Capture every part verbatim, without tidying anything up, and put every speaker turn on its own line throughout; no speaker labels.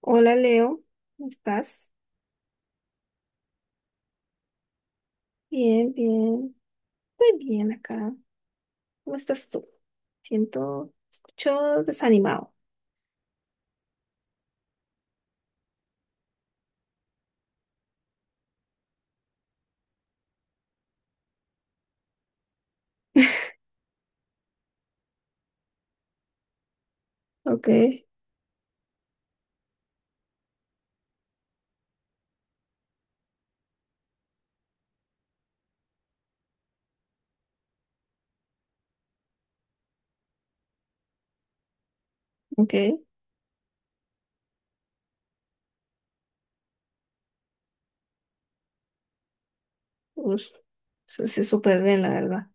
Hola Leo, ¿cómo estás? Bien, bien, estoy bien acá. ¿Cómo estás tú? Siento, escucho desanimado. Ok, ok. Ush, eso sí, súper bien, la verdad.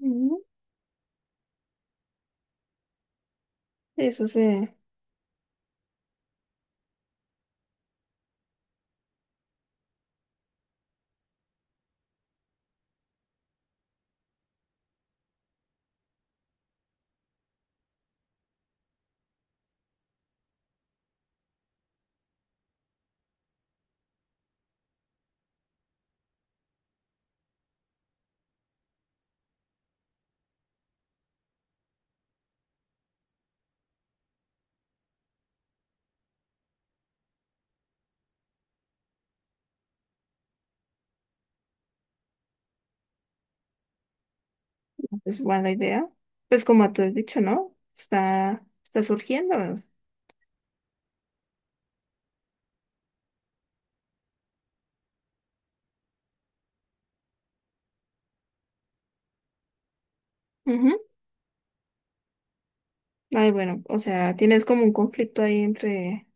Ujú, eso sí, es buena idea. Pues como tú has dicho, ¿no? Está, está surgiendo. Ujú. Ay, bueno, o sea, tienes como un conflicto ahí entre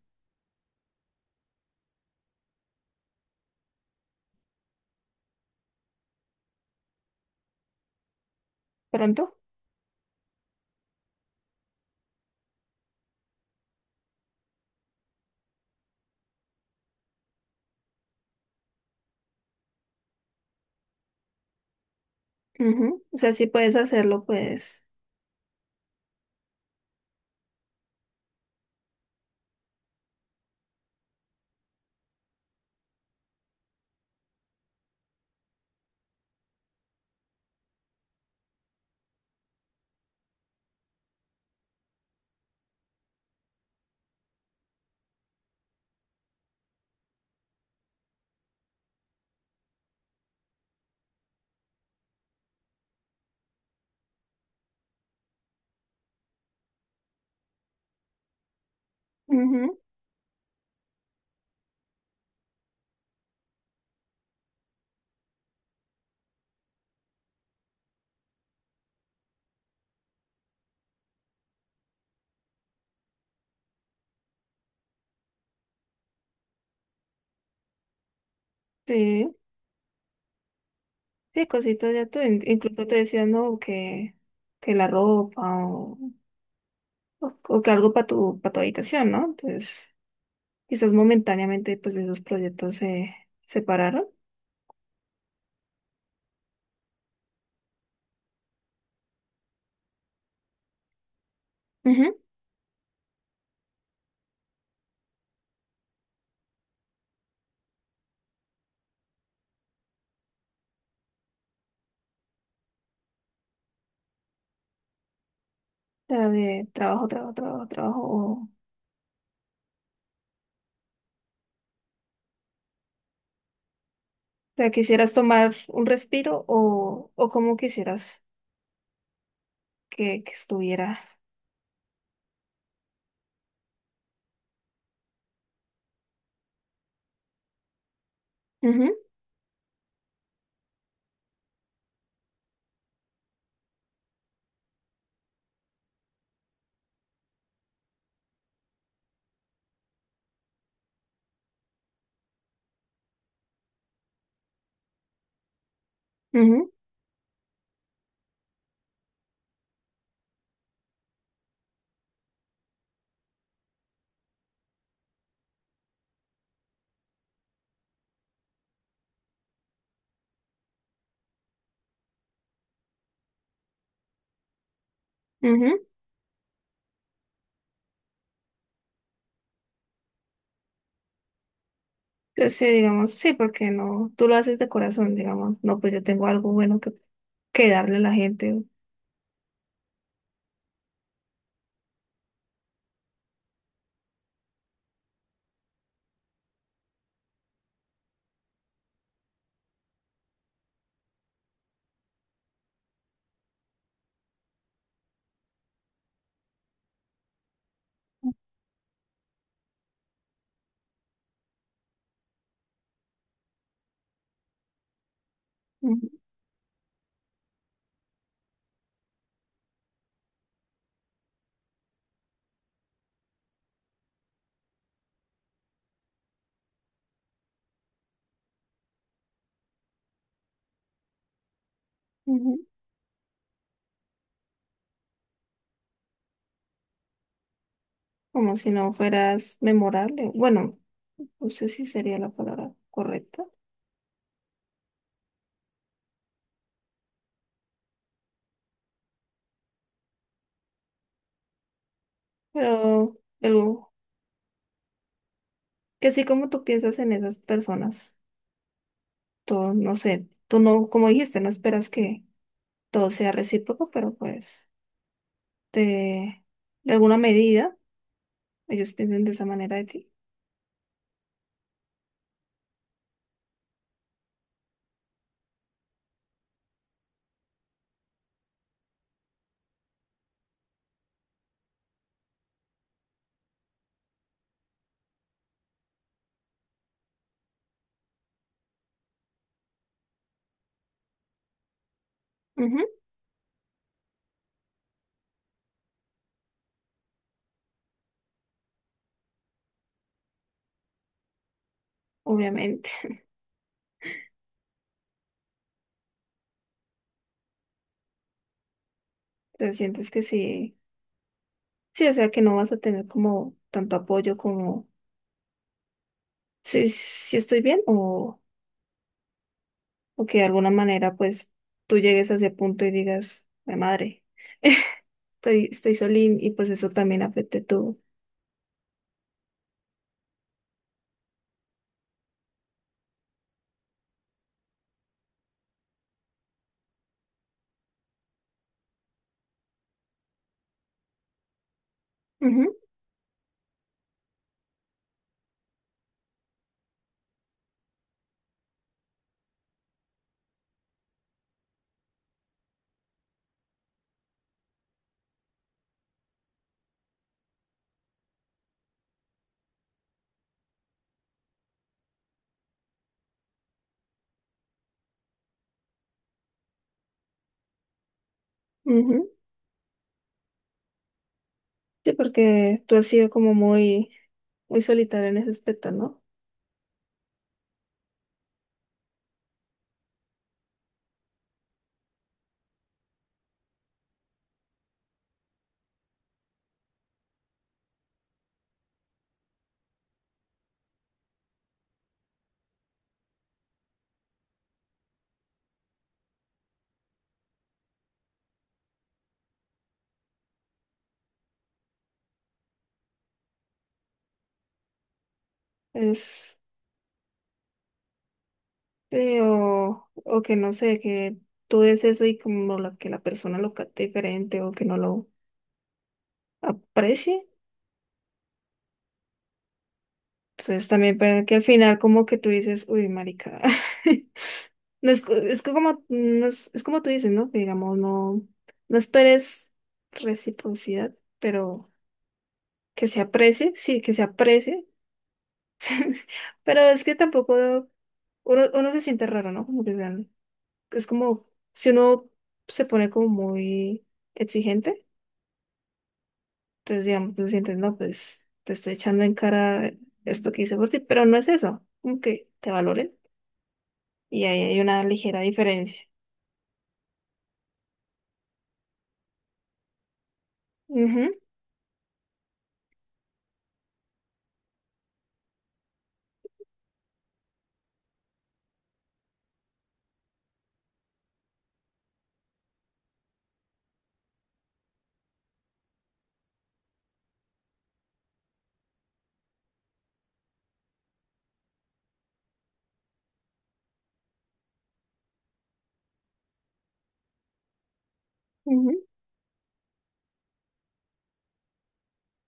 pronto. Ujú. O sea, sí puedes hacerlo, pues. Ujú. Sí. Sí, cositas de tú. Incluso te decía, no, que, que la ropa o, o- o que algo para tu, para tu habitación, ¿no? Entonces, quizás momentáneamente, pues esos proyectos se separaron. Ujú. O sea, de trabajo, trabajo, trabajo, trabajo. O, o sea, quisieras tomar un respiro o, o cómo quisieras que, que estuviera. Ujú, ujú, ujú. Entonces, sí, digamos, sí, porque no, tú lo haces de corazón, digamos, no, pues yo tengo algo bueno que, que darle a la gente. Ujú, ujú. Como si no fueras memorable. Bueno, no sé si sería la palabra correcta, pero algo que sí, como tú piensas en esas personas, tú no sé, tú no, como dijiste, no esperas que todo sea recíproco, pero pues de, de alguna medida ellos piensan de esa manera de ti. Ujú, obviamente. Te sientes que sí, sí, o sea que no vas a tener como tanto apoyo como si, si estoy bien o... O que de alguna manera pues tú llegues a ese punto y digas, "Mi madre, estoy, estoy solín" y pues eso también afecte tu... Ujú, ujú. Sí, porque tú has sido como muy, muy solitario en ese aspecto, ¿no? Es, eh, o, o que no sé, que tú des eso y como la, que la persona lo capte diferente o que no lo aprecie. Entonces también puede que al final como que tú dices, uy, marica. No es, co- es que como no es, es como tú dices, ¿no? Que digamos, no, no esperes reciprocidad, pero que se aprecie, sí, que se aprecie. Pero es que tampoco uno, uno se siente raro, ¿no? Como que sean- es como si uno se pone como muy exigente, entonces digamos, tú sientes, no, pues te estoy echando en cara esto que hice por ti, pero no es eso, como que te valoren. Y ahí hay una ligera diferencia. Ujú, ujú.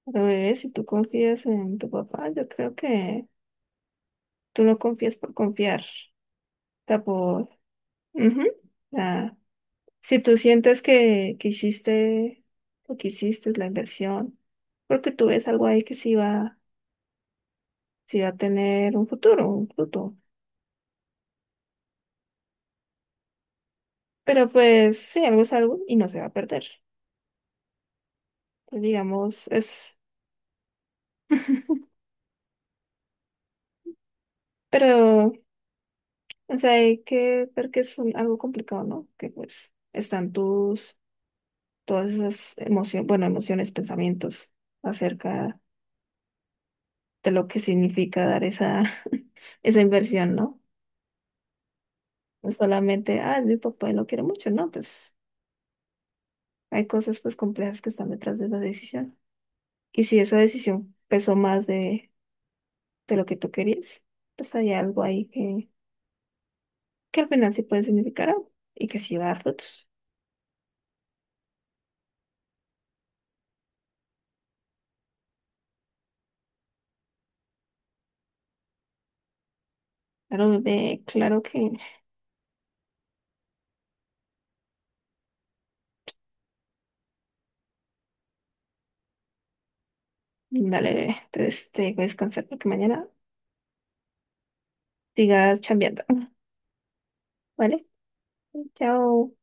Pero bebé, si tú confías en tu papá, yo creo que tú no confías por confiar. O sea, por... Ujú. Ah, si tú sientes que, que hiciste lo que hiciste, la inversión, porque tú ves algo ahí que sí va, sí va a tener un futuro, un fruto. Pero pues sí, algo es algo y no se va a perder. Pues, digamos, es... Pero, o sea, hay que ver que es un- algo complicado, ¿no? Que pues están tus todas esas emociones, bueno, emociones, pensamientos acerca de lo que significa dar esa, esa inversión, ¿no? No solamente, ah, mi papá lo quiere mucho, no, pues hay cosas pues complejas que están detrás de la decisión. Y si esa decisión pesó más de, de lo que tú querías, pues hay algo ahí que, que al final sí puede significar algo y que sí va a dar frutos. Claro, bebé, claro que, dale, bebé, entonces te voy a descansar porque mañana sigas chambeando, ¿vale? Chao.